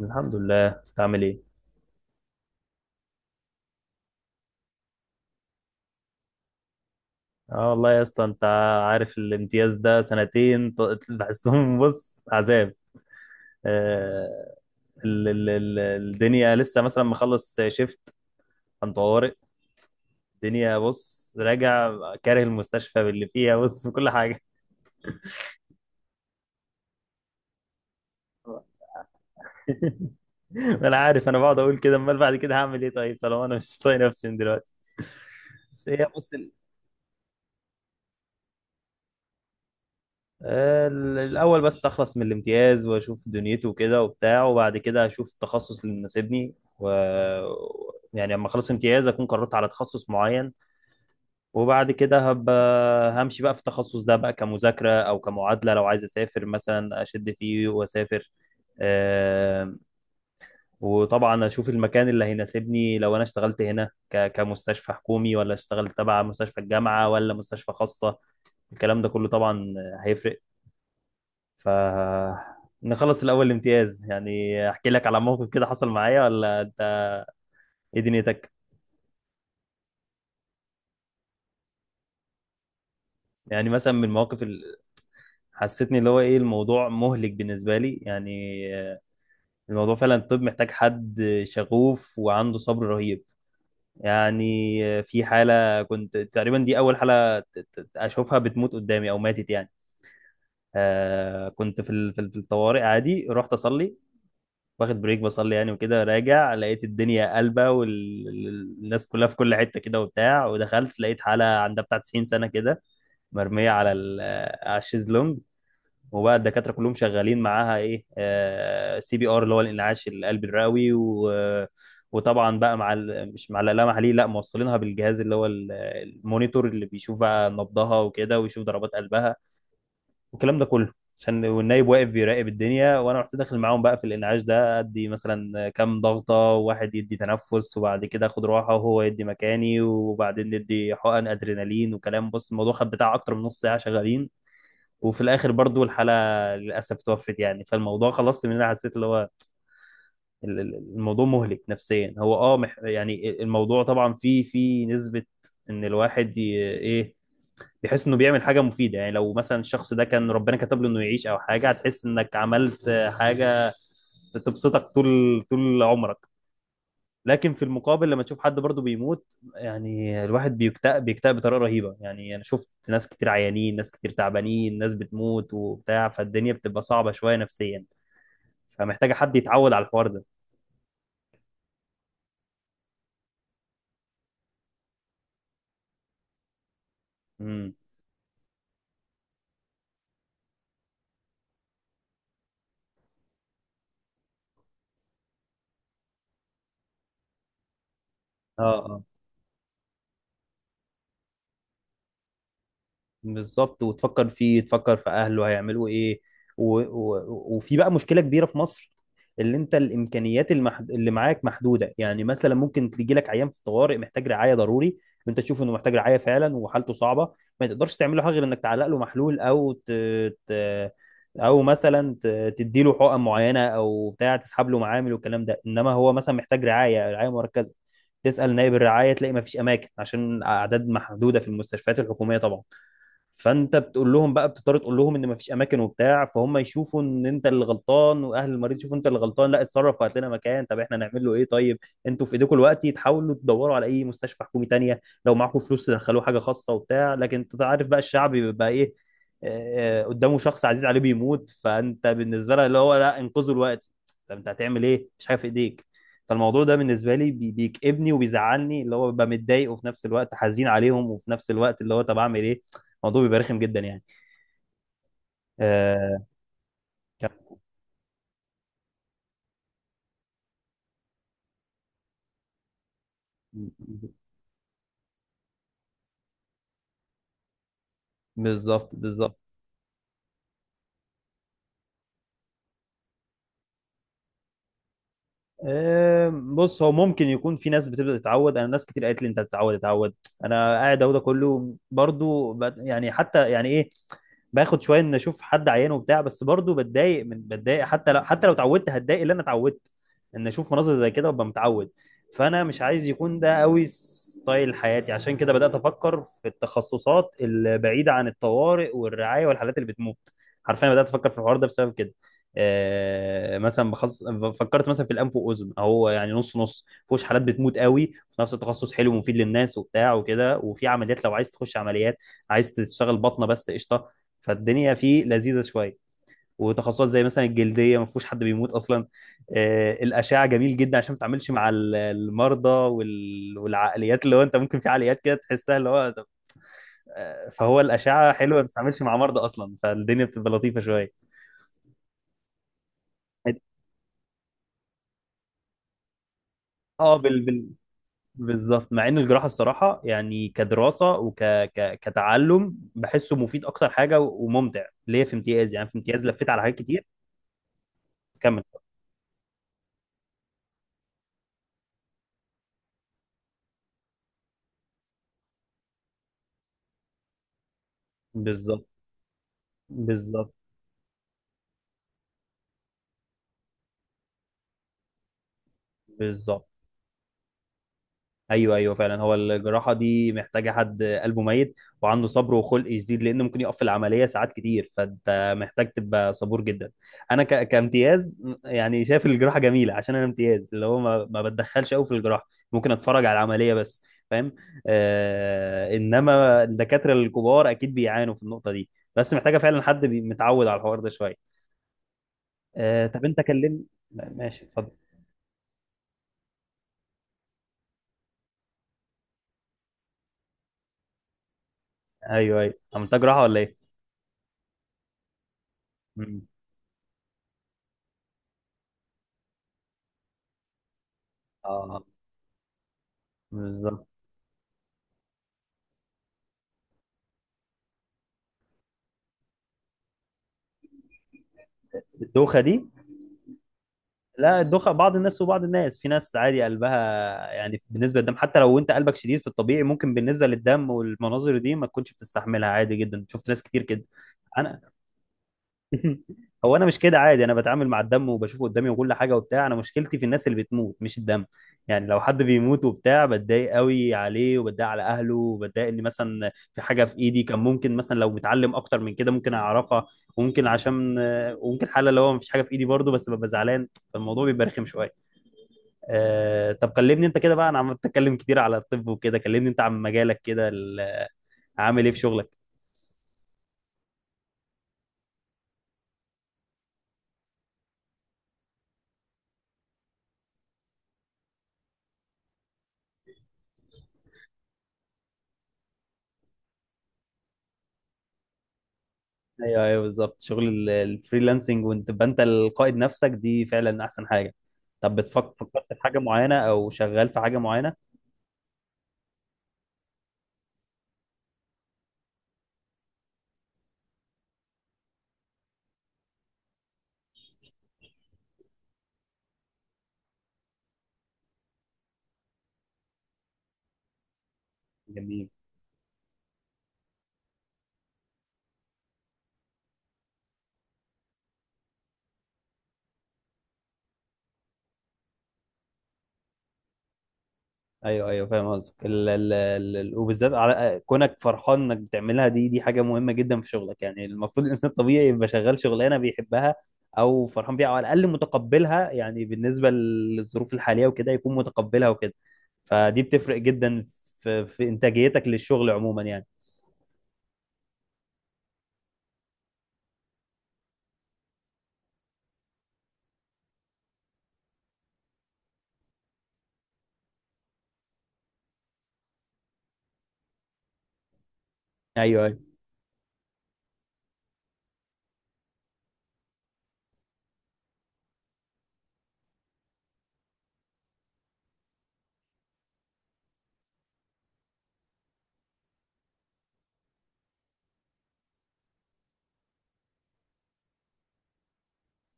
الحمد لله، انت عامل ايه؟ اه والله يا اسطى، انت عارف الامتياز ده سنتين، بحسهم بص عذاب. آه. ال الدنيا لسه مثلا مخلص شيفت عن طوارئ. الدنيا بص راجع كاره المستشفى باللي فيها، بص في كل حاجة. ما انا عارف، انا بقعد اقول كده، امال بعد كده هعمل ايه طيب طالما انا مش طايق نفسي من دلوقتي؟ بس هي بص. الأول بس أخلص من الامتياز وأشوف دنيته كده وبتاع، وبعد كده أشوف التخصص اللي مناسبني. و يعني لما أخلص امتياز أكون قررت على تخصص معين، وبعد كده هبقى همشي بقى في التخصص ده بقى كمذاكرة أو كمعادلة. لو عايز أسافر مثلا أشد فيه وأسافر. آم، وطبعا أشوف المكان اللي هيناسبني، لو أنا اشتغلت هنا كمستشفى حكومي ولا اشتغلت تبع مستشفى الجامعة ولا مستشفى خاصة. الكلام ده كله طبعا هيفرق. فنخلص الأول الامتياز يعني. أحكي لك على موقف كده حصل معايا، ولا أنت إيه دنيتك؟ يعني مثلا من المواقف اللي حسيتني اللي هو إيه، الموضوع مهلك بالنسبة لي يعني. الموضوع فعلا الطب محتاج حد شغوف وعنده صبر رهيب يعني. في حالة كنت تقريبا دي أول حالة أشوفها بتموت قدامي أو ماتت يعني. آه كنت في الطوارئ، عادي رحت أصلي واخد بريك بصلي يعني، وكده راجع لقيت الدنيا قلبة والناس كلها في كل حتة كده وبتاع، ودخلت لقيت حالة عندها بتاع 90 سنة كده، مرمية على على الشيزلونج. وبقى الدكاترة كلهم شغالين معاها ايه، سي بي ار اللي هو الانعاش القلبي الرئوي. وطبعا بقى مش مع الآلة محليه، لا موصلينها بالجهاز اللي هو المونيتور اللي بيشوف بقى نبضها وكده ويشوف ضربات قلبها والكلام ده كله. عشان والنايب واقف بيراقب الدنيا، وانا رحت داخل معاهم بقى في الانعاش ده، ادي مثلا كام ضغطه، وواحد يدي تنفس، وبعد كده اخد راحه وهو يدي مكاني، وبعدين ندي حقن ادرينالين وكلام. بص الموضوع خد بتاع اكتر من نص ساعه شغالين، وفي الاخر برضو الحاله للاسف توفت يعني. فالموضوع خلصت من هنا حسيت اللي هو الموضوع مهلك نفسيا. هو اه يعني الموضوع طبعا فيه نسبه ان الواحد ي- ايه بحيث انه بيعمل حاجه مفيده، يعني لو مثلا الشخص ده كان ربنا كتب له انه يعيش او حاجه، هتحس انك عملت حاجه تبسطك طول عمرك. لكن في المقابل لما تشوف حد برضه بيموت، يعني الواحد بيكتئب بطريقه رهيبه يعني. انا شفت ناس كتير عيانين، ناس كتير تعبانين، ناس بتموت وبتاع. فالدنيا بتبقى صعبه شويه نفسيا، فمحتاجه حد يتعود على الحوار ده. امم. اه اه بالظبط، وتفكر فيه، تفكر في اهله هيعملوا ايه. و... و... وفي بقى مشكله كبيره في مصر، اللي انت اللي معاك محدوده. يعني مثلا ممكن تيجي لك عيان في الطوارئ محتاج رعايه ضروري، وانت تشوف انه محتاج رعايه فعلا وحالته صعبه، ما تقدرش تعمل له حاجه غير انك تعلق له محلول ت... او تدي له حقن معينه او بتاع، تسحب له معامل والكلام ده. انما هو مثلا محتاج رعايه، رعايه مركزه. تسال نائب الرعايه تلاقي ما فيش اماكن عشان اعداد محدوده في المستشفيات الحكوميه طبعا. فانت بتقول لهم بقى، بتضطر تقول لهم ان مفيش اماكن وبتاع، فهم يشوفوا ان انت اللي غلطان، واهل المريض يشوفوا انت اللي غلطان، لا اتصرف وهات لنا مكان. طب احنا نعمل له ايه طيب؟ انتوا في ايديكم الوقت تحاولوا تدوروا على اي مستشفى حكومي تانية، لو معاكم فلوس تدخلوه حاجه خاصه وبتاع. لكن انت عارف بقى الشعب بيبقى ايه، آه، آه، قدامه شخص عزيز عليه بيموت، فانت بالنسبه له اللي هو لا انقذوا الوقت. طب انت هتعمل ايه مش حاجه في ايديك. فالموضوع ده بالنسبه لي بيكئبني وبيزعلني، اللي هو ببقى متضايق وفي نفس الوقت حزين عليهم، وفي نفس الوقت اللي هو طب اعمل ايه. الموضوع بيبقى رخم جدا يعني. آه. كم- بالظبط، بالظبط. آه بص، هو ممكن يكون في ناس بتبدا تتعود، انا ناس كتير قالت لي انت هتتعود، اتعود. انا قاعد اهو، ده كله برضو يعني حتى يعني ايه، باخد شويه ان اشوف حد عيان وبتاع. بس برضو بتضايق، من بتضايق حتى لو حتى لو اتعودت هتضايق. اللي انا اتعودت ان اشوف مناظر زي كده وابقى متعود، فانا مش عايز يكون ده قوي ستايل حياتي. عشان كده بدات افكر في التخصصات البعيده عن الطوارئ والرعايه والحالات اللي بتموت، حرفيا بدات افكر في الحوار ده بسبب كده. آه مثلا بخص... فكرت مثلا في الانف واذن اهو، يعني نص نص فيهوش حالات بتموت قوي، وفي نفس التخصص حلو ومفيد للناس وبتاع وكده، وفي عمليات لو عايز تخش عمليات، عايز تشتغل بطنه بس قشطه، فالدنيا فيه لذيذه شويه. وتخصصات زي مثلا الجلديه ما فيهوش حد بيموت اصلا. آه، الاشعه جميل جدا عشان ما تتعاملش مع المرضى والعقليات اللي هو انت ممكن في عقليات كده تحسها اللي هو طب، آه، فهو الاشعه حلوه ما تتعاملش مع مرضى اصلا، فالدنيا بتبقى لطيفه شويه. اه بالظبط. مع ان الجراحه الصراحه يعني كدراسه كتعلم بحسه مفيد اكتر حاجه وممتع ليه. في امتياز يعني، في امتياز لفيت على حاجات كتير. كمل. بالظبط بالظبط بالظبط. ايوه ايوه، فعلا هو الجراحه دي محتاجه حد قلبه ميت، وعنده صبر وخلق شديد، لان ممكن يقف في العمليه ساعات كتير، فانت محتاج تبقى صبور جدا. انا كامتياز يعني شايف الجراحه جميله عشان انا امتياز اللي هو ما بتدخلش قوي في الجراحه، ممكن اتفرج على العمليه بس. فاهم. آه... انما الدكاتره الكبار اكيد بيعانوا في النقطه دي. بس محتاجه فعلا حد متعود على الحوار ده شويه. آه... طب انت كلمني. ماشي، اتفضل. ايوه ايوه، عملتها جراحه ولا ايه؟ مم. اه. بالظبط. الدوخه دي؟ لا الدخن بعض الناس، وبعض الناس في ناس عادي قلبها. يعني بالنسبه للدم حتى لو انت قلبك شديد في الطبيعي، ممكن بالنسبه للدم والمناظر دي ما تكونش بتستحملها. عادي جدا، شفت ناس كتير كده. انا هو انا مش كده، عادي انا بتعامل مع الدم وبشوفه قدامي وكل حاجه وبتاع. انا مشكلتي في الناس اللي بتموت مش الدم. يعني لو حد بيموت وبتاع، بتضايق قوي عليه، وبتضايق على اهله، وبتضايق ان مثلا في حاجه في ايدي كان ممكن مثلا لو متعلم اكتر من كده ممكن اعرفها. وممكن عشان وممكن حاله اللي هو مفيش حاجه في ايدي برضه، بس ببقى زعلان. فالموضوع بيبقى رخم شويه. آه، طب كلمني انت كده بقى، انا عمال اتكلم كتير على الطب وكده، كلمني انت عن مجالك كده، عامل ايه في شغلك. ايوه ايوه بالظبط، شغل الفريلانسنج، وانت تبقى انت القائد نفسك، دي فعلا احسن حاجه. طب بتفكر، فكرت في حاجه معينه او شغال في حاجه معينه؟ جميل. ايوه ايوه فاهم قصدك، وبالذات على كونك فرحان انك بتعملها، دي حاجه مهمه جدا في شغلك. يعني المفروض الانسان الطبيعي يبقى شغال شغلانه بيحبها، او فرحان بيها، او على الاقل متقبلها، يعني بالنسبه للظروف الحاليه وكده يكون متقبلها وكده. فدي بتفرق جدا في، انتاجيتك للشغل عموما يعني. ايوه ايوه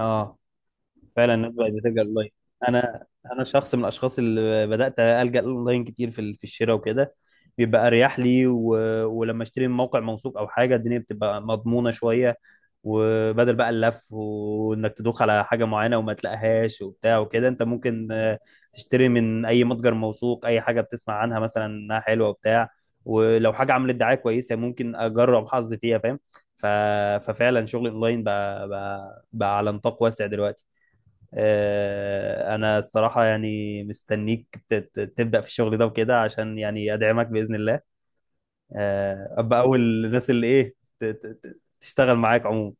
اه، فعلا الناس بقت بتلجأ الاونلاين. انا انا شخص من الاشخاص اللي بدات الجا الاونلاين كتير في في الشراء وكده، بيبقى اريح لي. ولما اشتري من موقع موثوق او حاجه، الدنيا بتبقى مضمونه شويه، وبدل بقى اللف وانك تدوخ على حاجه معينه وما تلاقيهاش وبتاع وكده. انت ممكن تشتري من اي متجر موثوق اي حاجه بتسمع عنها مثلا انها حلوه وبتاع، ولو حاجه عملت دعايه كويسه ممكن اجرب حظي فيها، فاهم. ف... ففعلا شغل الاونلاين بقى على نطاق واسع دلوقتي. آه، انا الصراحه يعني مستنيك تبدا في الشغل ده وكده عشان يعني ادعمك باذن الله. آه، ابقى اول الناس اللي ايه تشتغل معاك عموما.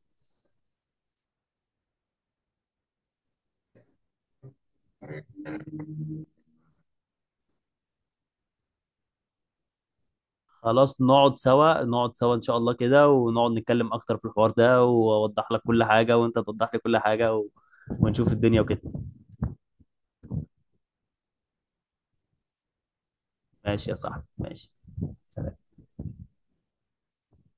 خلاص، نقعد سوا ان شاء الله كده، ونقعد نتكلم اكتر في الحوار ده، واوضح لك كل حاجة وانت توضح لي كل حاجة و... ونشوف الدنيا وكده. ماشي يا صاحبي، ماشي. سلام.